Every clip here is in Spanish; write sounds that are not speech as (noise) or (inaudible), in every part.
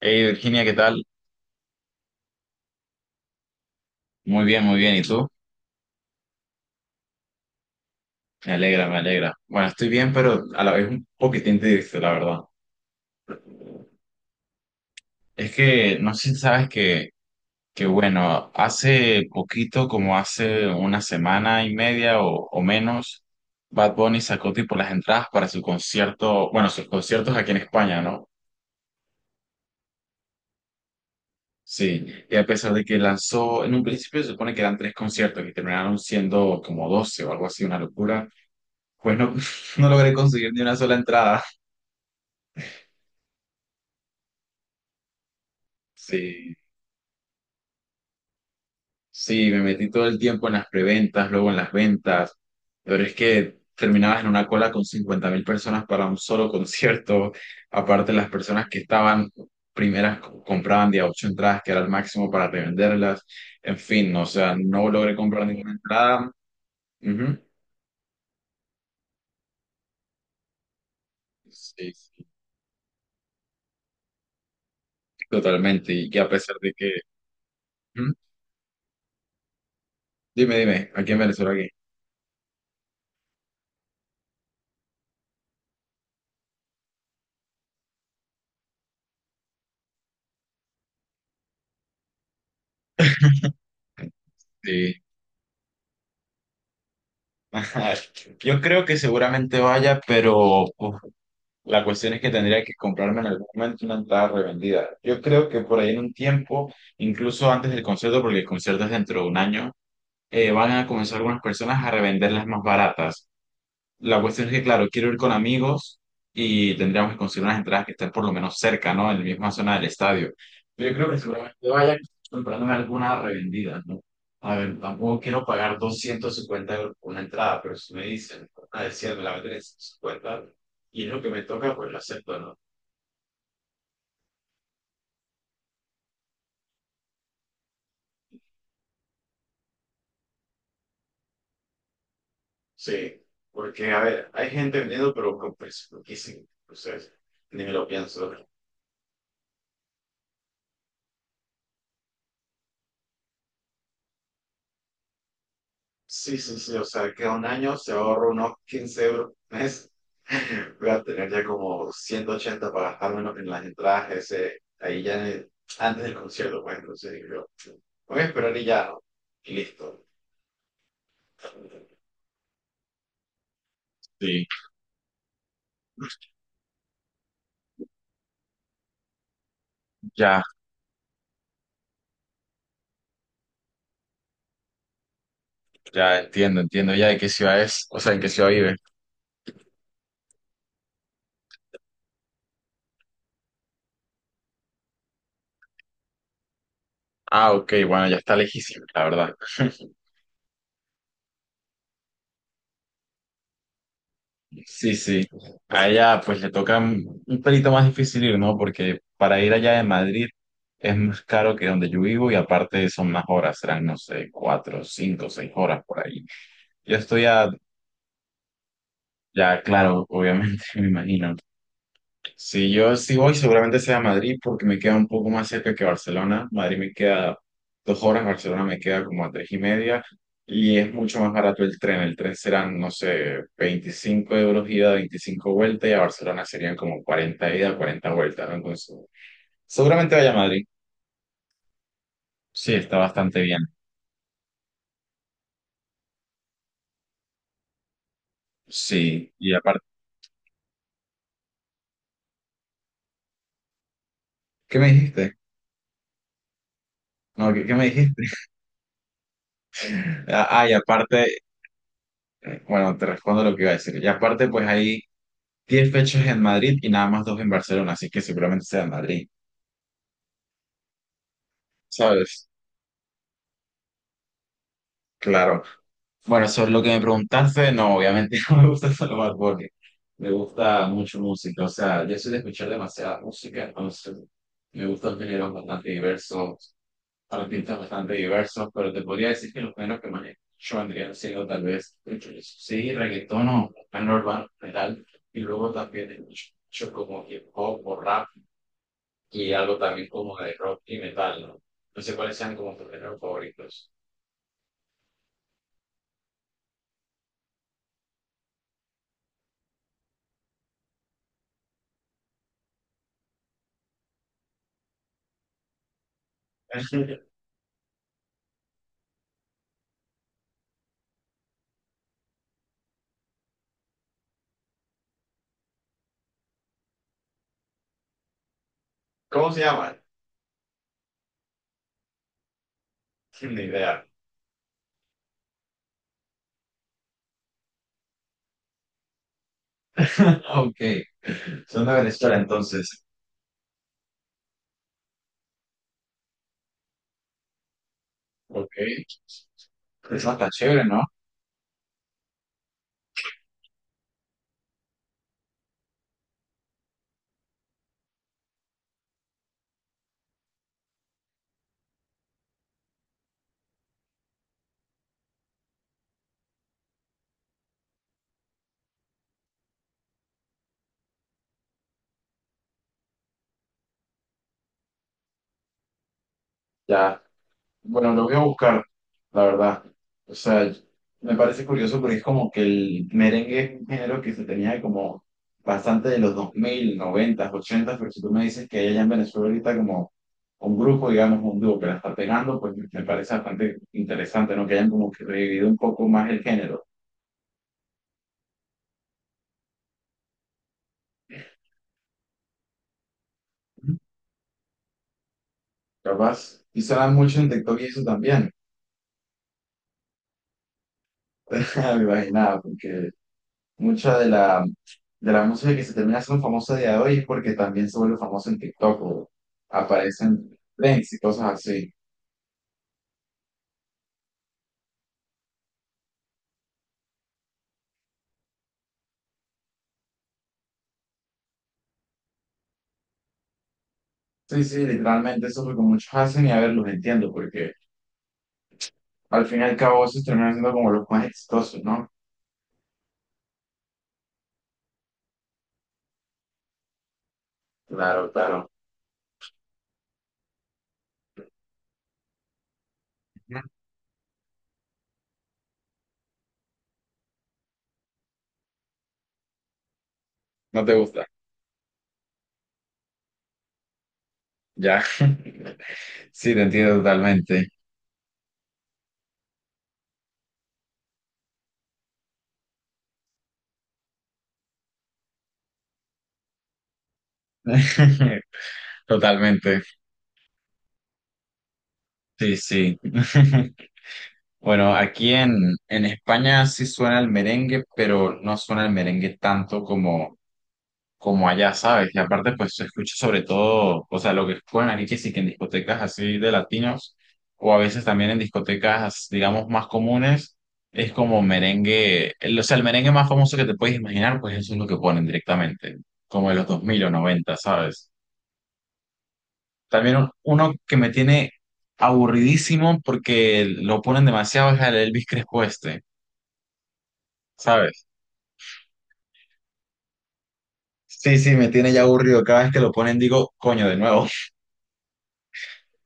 Hey Virginia, ¿qué tal? Muy bien, muy bien. ¿Y tú? Me alegra, me alegra. Bueno, estoy bien, pero a la vez un poquitín triste, la verdad. Es que no sé si sabes que bueno, hace poquito, como hace una semana y media o menos, Bad Bunny sacó tipo las entradas para su concierto, bueno, sus conciertos aquí en España, ¿no? Sí, y a pesar de que lanzó, en un principio se supone que eran tres conciertos y terminaron siendo como 12 o algo así, una locura, pues no, (laughs) no logré conseguir ni una sola entrada. Sí, sí, me metí todo el tiempo en las preventas, luego en las ventas, pero es que terminabas en una cola con 50.000 personas para un solo (laughs) concierto, aparte las personas que estaban primeras compraban de a ocho entradas, que era el máximo para revenderlas, en fin, o sea, no logré comprar ninguna entrada. Ujú. Sí, sí, totalmente, y que a pesar de que, ujú. Dime, dime, aquí en Venezuela, aquí. (laughs) Sí. (laughs) Ajá. Yo creo que seguramente vaya, pero uf, la cuestión es que tendría que comprarme en algún momento una entrada revendida. Yo creo que por ahí en un tiempo, incluso antes del concierto, porque el concierto es dentro de un año, van a comenzar algunas personas a revender las más baratas. La cuestión es que, claro, quiero ir con amigos y tendríamos que conseguir unas entradas que estén por lo menos cerca, ¿no? En la misma zona del estadio. Yo creo que seguramente vaya comprándome alguna revendida, ¿no? A ver, tampoco quiero pagar 250 euros por una entrada, pero si me dicen, a decir, me la venden en 150 y es lo que me toca, pues lo acepto, ¿no? Sí, porque, a ver, hay gente vendiendo, pero con precios, lo que. Entonces, ni me lo pienso. Sí, sí, sí, o sea, que un año se ahorra unos 15 euros por mes. (laughs) Voy a tener ya como 180 para gastarme en las entradas, ese, ahí ya en antes del concierto, pues entonces digo, yo, voy a esperar y ya, ¿no? Y listo. Sí, ya, ya entiendo, entiendo ya de qué ciudad es, o sea, en qué ciudad vive. Ah, ok, bueno, ya está lejísimo, la verdad. (laughs) Sí, sí. A ella pues le toca un pelito más difícil ir, ¿no? Porque para ir allá de Madrid es más caro que donde yo vivo y aparte son más horas, serán, no sé, 4, 5, 6 horas por ahí. Yo estoy a, ya, claro, obviamente, (laughs) me imagino, si yo sí voy, seguramente sea a Madrid porque me queda un poco más cerca que Barcelona. Madrid me queda 2 horas, Barcelona me queda como a tres y media y es mucho más barato el tren. El tren serán, no sé, 25 euros ida, 25 vuelta y a Barcelona serían como 40 ida, 40 vueltas, ¿no? Entonces, seguramente vaya a Madrid. Sí, está bastante bien. Sí, y aparte, ¿qué me dijiste? No, ¿qué me dijiste? (laughs) Ah, y aparte, bueno, te respondo lo que iba a decir. Y aparte, pues ahí 10 fechas en Madrid y nada más dos en Barcelona, así que seguramente sea en Madrid, ¿sabes? Claro. Bueno, sobre lo que me preguntaste, no, obviamente (laughs) no me gusta solo Bad Bunny. Me gusta mucho música, o sea, yo soy de escuchar demasiada música, entonces me gustan géneros bastante diversos, artistas bastante diversos, pero te podría decir que los géneros que más yo vendría siendo tal vez, sí, reggaetón o género urbano en general, y luego también escucho como hip hop o rap, y algo también como de rock y metal, ¿no? No sé cuáles sean como tus géneros favoritos. (laughs) ¿Cómo se llaman? Ni idea. (laughs) Ok, son de Venezuela entonces. Ok. Es bastante chévere, ¿no? Ya. Bueno, lo voy a buscar, la verdad. O sea, me parece curioso porque es como que el merengue es un género que se tenía como bastante de los 2000 90 80, pero si tú me dices que hay allá en Venezuela ahorita como un grupo, digamos, un dúo que la está pegando, pues me parece bastante interesante, ¿no? Que hayan como que revivido un poco más el género. Ujú. Capaz, y se dan mucho en TikTok y eso también. (laughs) Me imaginaba, porque mucha de la música que se termina siendo famosa a día de hoy es porque también se vuelve famoso en TikTok o aparecen trends y cosas así. Sí, sí, literalmente eso es lo que muchos hacen y a ver, los entiendo porque al fin y al cabo esos terminan siendo como los más exitosos, ¿no? Claro, claro. Ujú. No te gusta. Ya. (laughs) Sí, te entiendo totalmente. (laughs) Totalmente. Sí, sí. (laughs) Bueno, aquí en España sí suena el merengue, pero no suena el merengue tanto como allá, ¿sabes? Y aparte, pues se escucha sobre todo, o sea, lo que juegan aquí, que sí que en discotecas así de latinos, o a veces también en discotecas, digamos, más comunes, es como merengue, o sea, el merengue más famoso que te puedes imaginar, pues eso es lo que ponen directamente, como de los 2000 o noventa, ¿sabes? También uno que me tiene aburridísimo porque lo ponen demasiado es el Elvis Crespo este, ¿sabes? Sí, sí, me tiene ya aburrido. Cada vez que lo ponen digo, coño, de nuevo. (laughs)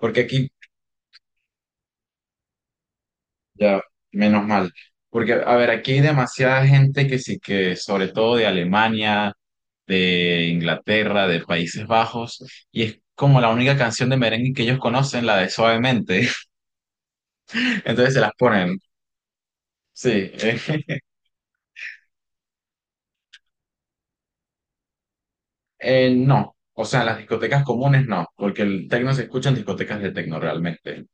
Porque aquí. Ya, menos mal. Porque, a ver, aquí hay demasiada gente que sí que, sobre todo de Alemania, de Inglaterra, de Países Bajos, y es como la única canción de merengue que ellos conocen, la de Suavemente. (laughs) Entonces se las ponen. Sí, (laughs) no. O sea, en las discotecas comunes no, porque el tecno se escucha en discotecas de tecno realmente.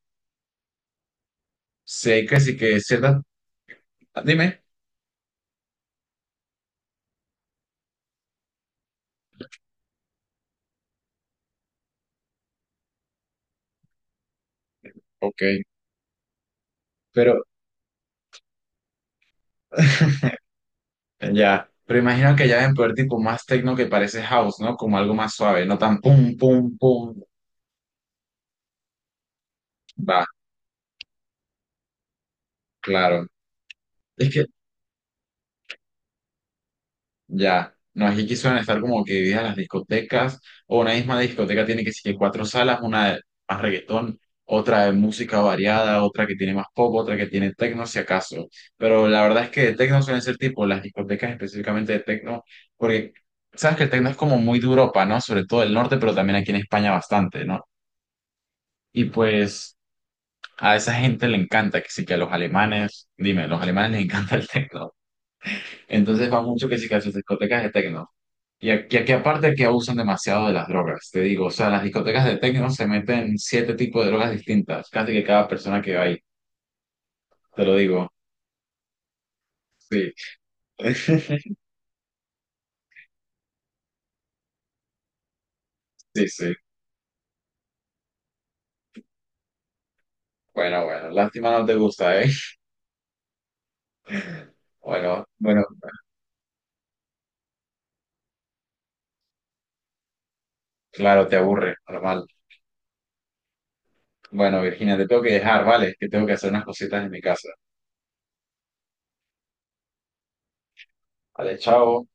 Sé que sí que ciertas. Dime. Ok. Pero. (laughs) Ya, pero imagino que ya deben poder tipo más techno que parece house, ¿no? Como algo más suave, no tan pum, pum, pum. Va, claro. Es que ya, no, aquí quisieron estar como que divididas las discotecas, o una misma discoteca tiene que ser cuatro salas, una de más reggaetón, otra de música variada, otra que tiene más pop, otra que tiene techno, si acaso. Pero la verdad es que de techno suelen ser tipo las discotecas específicamente de techno, porque sabes que el techno es como muy de Europa, ¿no? Sobre todo el norte, pero también aquí en España bastante, ¿no? Y pues. A esa gente le encanta, que sí que a los alemanes, dime, los alemanes les encanta el techno. Entonces va mucho que sí que a sus discotecas de techno. Y aquí aparte que abusan demasiado de las drogas, te digo, o sea, en las discotecas de techno se meten siete tipos de drogas distintas, casi que cada persona que va ahí, te lo digo. Sí. (laughs) Sí, sí. Bueno, bueno, lástima no te gusta, ¿eh? Bueno, bueno, claro, te aburre, normal. Bueno, Virginia, te tengo que dejar, ¿vale? Que tengo que hacer unas cositas en mi casa. Vale, chao.